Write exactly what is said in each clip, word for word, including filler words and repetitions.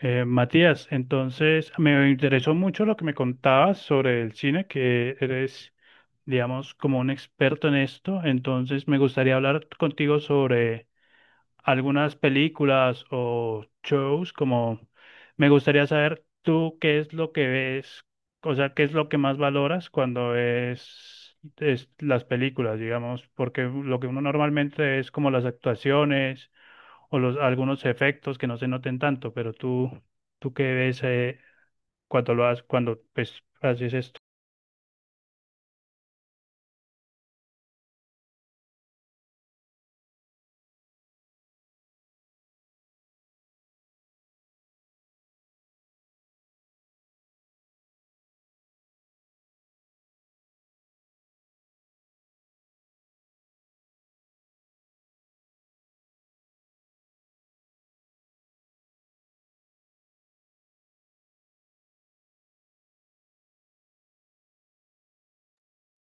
Eh, Matías, entonces me interesó mucho lo que me contabas sobre el cine, que eres, digamos, como un experto en esto. Entonces me gustaría hablar contigo sobre algunas películas o shows, como me gustaría saber tú qué es lo que ves, o sea, qué es lo que más valoras cuando es, es las películas, digamos, porque lo que uno normalmente es como las actuaciones o los algunos efectos que no se noten tanto, pero tú, tú qué ves eh, cuando lo haces, cuando pues haces esto.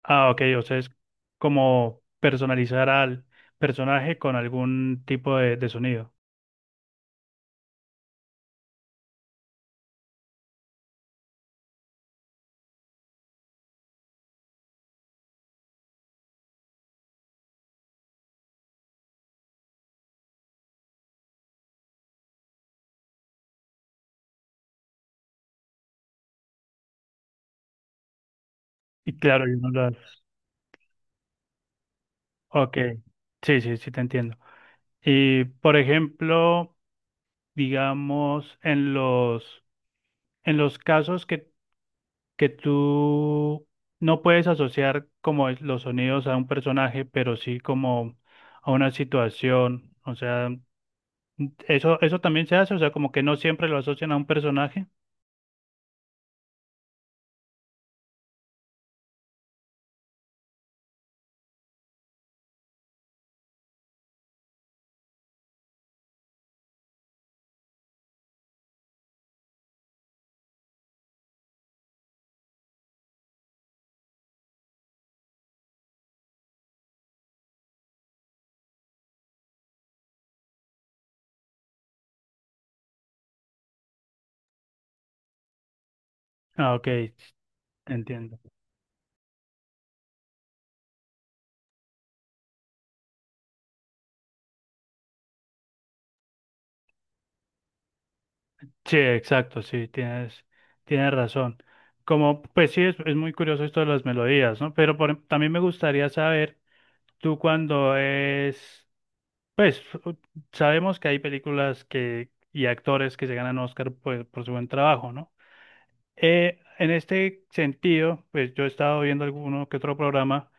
Ah, ok, o sea, es como personalizar al personaje con algún tipo de, de sonido. Y claro, yo no lo. Ok, sí, sí, sí, te entiendo. Y por ejemplo, digamos, en los, en los casos que, que tú no puedes asociar como es- los sonidos a un personaje, pero sí como a una situación, o sea, eso, eso también se hace, o sea, como que no siempre lo asocian a un personaje. Ah, ok, entiendo. Sí, exacto, sí, tienes, tienes razón. Como, pues sí, es, es muy curioso esto de las melodías, ¿no? Pero por- em- también me gustaría saber. Tú cuando es, pues u- sabemos que hay películas que y actores que se ganan Oscar pues, por su buen trabajo, ¿no? Eh, en este sentido, pues yo he estado viendo alguno que otro programa.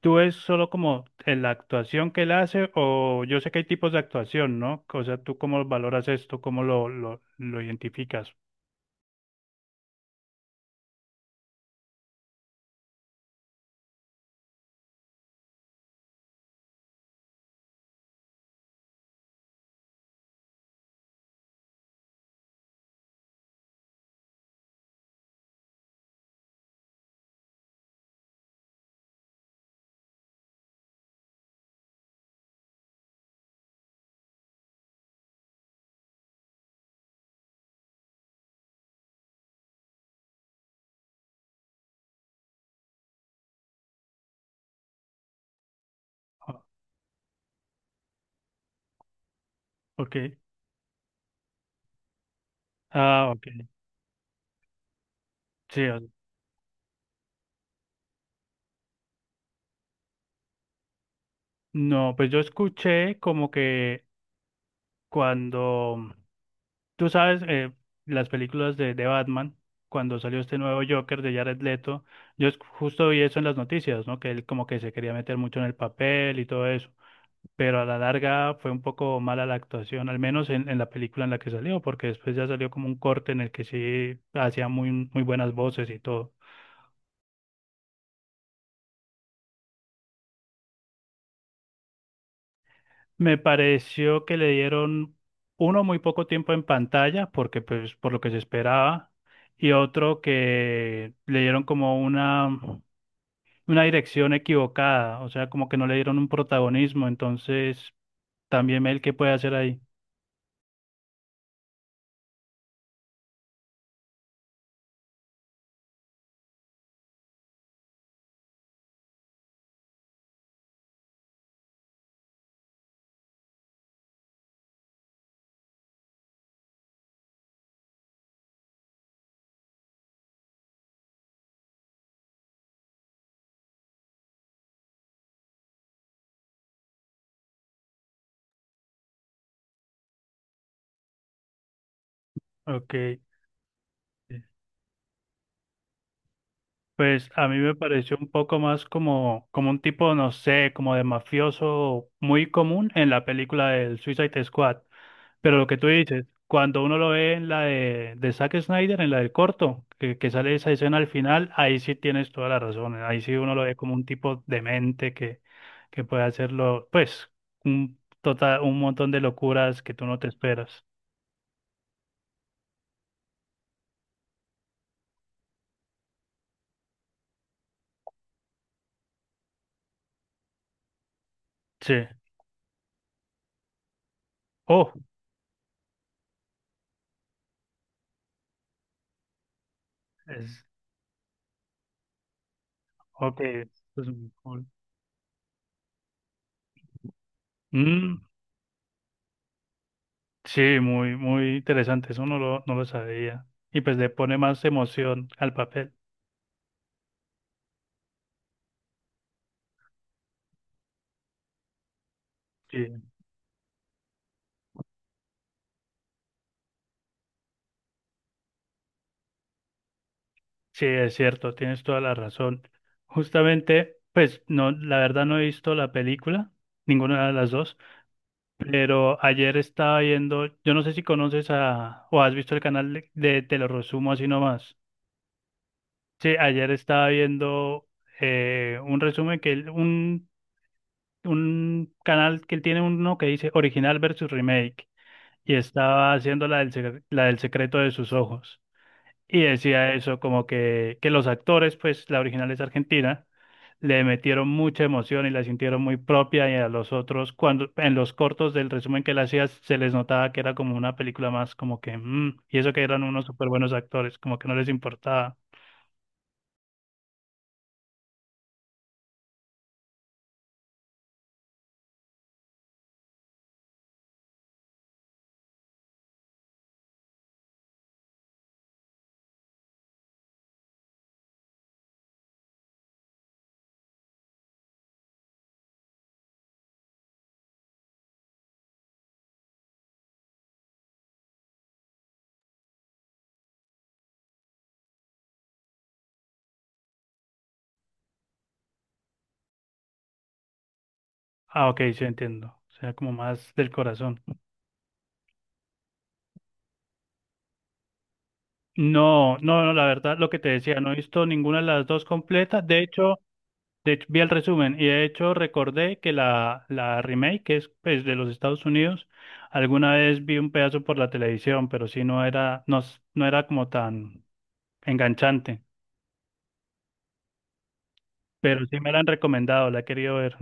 ¿Tú es solo como en la actuación que él hace o yo sé que hay tipos de actuación, ¿no? O sea, ¿tú cómo valoras esto? ¿Cómo lo, lo, lo identificas? Ah, ok. Ah, ok. Sí, o- no, pues yo escuché como que cuando tú sabes, eh, las películas de, de Batman, cuando salió este nuevo Joker de Jared Leto, yo es- justo vi eso en las noticias, ¿no? Que él como que se quería meter mucho en el papel y todo eso, pero a la larga fue un poco mala la actuación, al menos en, en la película en la que salió, porque después ya salió como un corte en el que sí hacía muy, muy buenas voces y todo. Me pareció que le dieron uno muy poco tiempo en pantalla, porque pues por lo que se esperaba, y otro que le dieron como una... una dirección equivocada, o sea, como que no le dieron un protagonismo, entonces también él qué puede hacer ahí. Ok. Pues a mí me pareció un poco más como, como un tipo, no sé, como de mafioso muy común en la película del Suicide Squad. Pero lo que tú dices, cuando uno lo ve en la de, de Zack Snyder, en la del corto, que, que sale esa escena al final, ahí sí tienes toda la razón. ¿Eh? Ahí sí uno lo ve como un tipo demente que, que puede hacerlo, pues, un, total, un montón de locuras que tú no te esperas. Sí. Oh, es, ok. Eso cool. Mm, sí, muy, muy interesante. Eso no lo, no lo sabía. Y pues le pone más emoción al papel. Sí. Sí, es cierto, tienes toda la razón. Justamente, pues no, la verdad no he visto la película, ninguna de las dos, pero ayer estaba viendo, yo no sé si conoces a o has visto el canal de, de Te lo resumo así nomás. Sí, ayer estaba viendo eh, un resumen que él- un un canal que él tiene uno que dice original versus remake y estaba haciendo la del, secre- la del secreto de sus ojos. Y decía eso, como que, que los actores, pues la original es argentina, le metieron mucha emoción y la sintieron muy propia y a los otros, cuando en los cortos del resumen que le hacías, se les notaba que era como una película más, como que, mm, y eso que eran unos súper buenos actores, como que no les importaba. Ah, ok, sí entiendo. O sea, como más del corazón. No, no, no, la verdad, lo que te decía, no he visto ninguna de las dos completas. De hecho, de hecho, vi el resumen y de hecho recordé que la, la remake, que es pues, de los Estados Unidos, alguna vez vi un pedazo por la televisión, pero sí no era, no, s- no era como tan enganchante. Pero sí me la han recomendado, la he querido ver.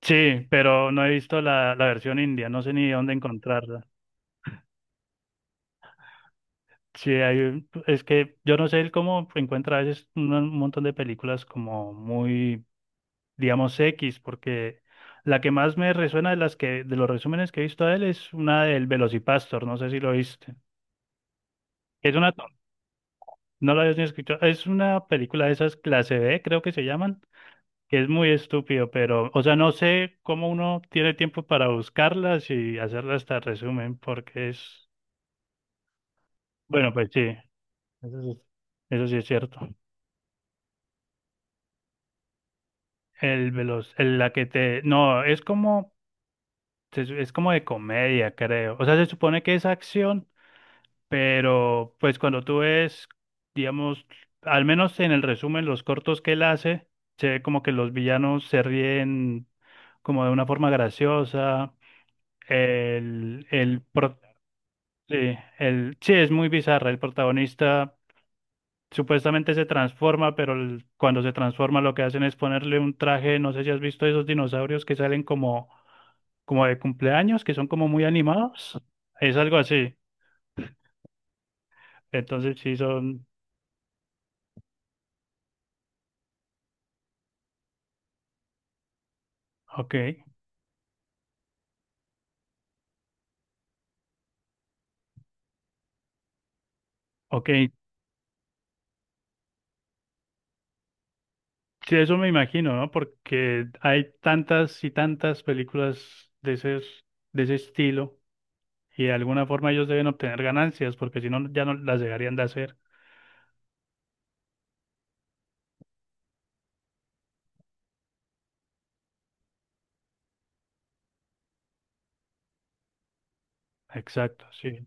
Sí, pero no he visto la, la versión india, no sé ni dónde encontrarla. Sí, hay, un- es que yo no sé el cómo encuentra a veces un, un montón de películas como muy digamos, X, porque la que más me resuena de las que, de los resúmenes que he visto de él es una del Velocipastor, no sé si lo viste. Es una, ton- no lo habías ni escuchado, es una película de esas clase B, creo que se llaman, que es muy estúpido, pero, o sea, no sé cómo uno tiene tiempo para buscarlas y hacerlas hasta resumen, porque es, bueno, pues sí, eso sí, eso sí es cierto. El veloz, el- la que te, no, es como, es es como de comedia, creo. O sea, se supone que es acción. Pero pues cuando tú ves, digamos, al menos en el resumen, los cortos que él hace, se ve como que los villanos se ríen como de una forma graciosa. El, el, pro- sí, el, sí, es muy bizarra. El protagonista supuestamente se transforma, pero el- cuando se transforma lo que hacen es ponerle un traje, no sé si has visto esos dinosaurios que salen como, como de cumpleaños, que son como muy animados. Es algo así. Entonces sí son, ok. Ok, sí, eso me imagino, ¿no? Porque hay tantas y tantas películas de ese, de ese estilo y de alguna forma ellos deben obtener ganancias porque si no ya no las dejarían de hacer. Exacto, sí.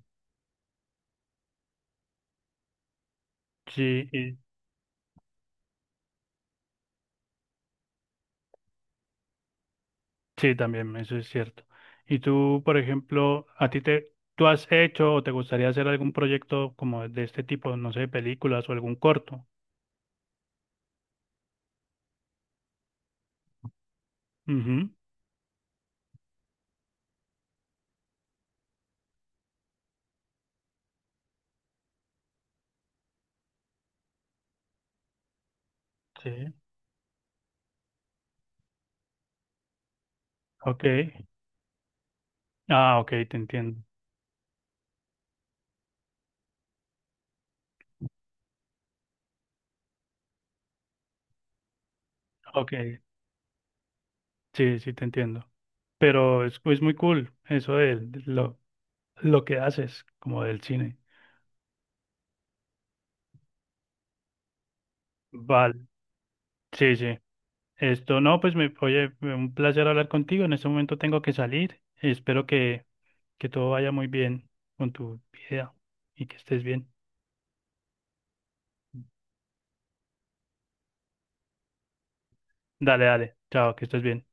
Sí, y- sí, también, eso es cierto. Y tú, por ejemplo, a ti te, tú has hecho o te gustaría hacer algún proyecto como de este tipo, no sé, películas o algún corto. Ujú, sí, ok. Ah, ok, te entiendo. Ok, sí, sí, te entiendo. Pero es, es muy cool eso de, lo, lo que haces, como del cine. Vale, sí, sí. Esto no, pues me, oye, fue un placer hablar contigo. En este momento tengo que salir. Espero que, que todo vaya muy bien con tu vida y que estés bien. Dale, dale. Chao, que estés bien.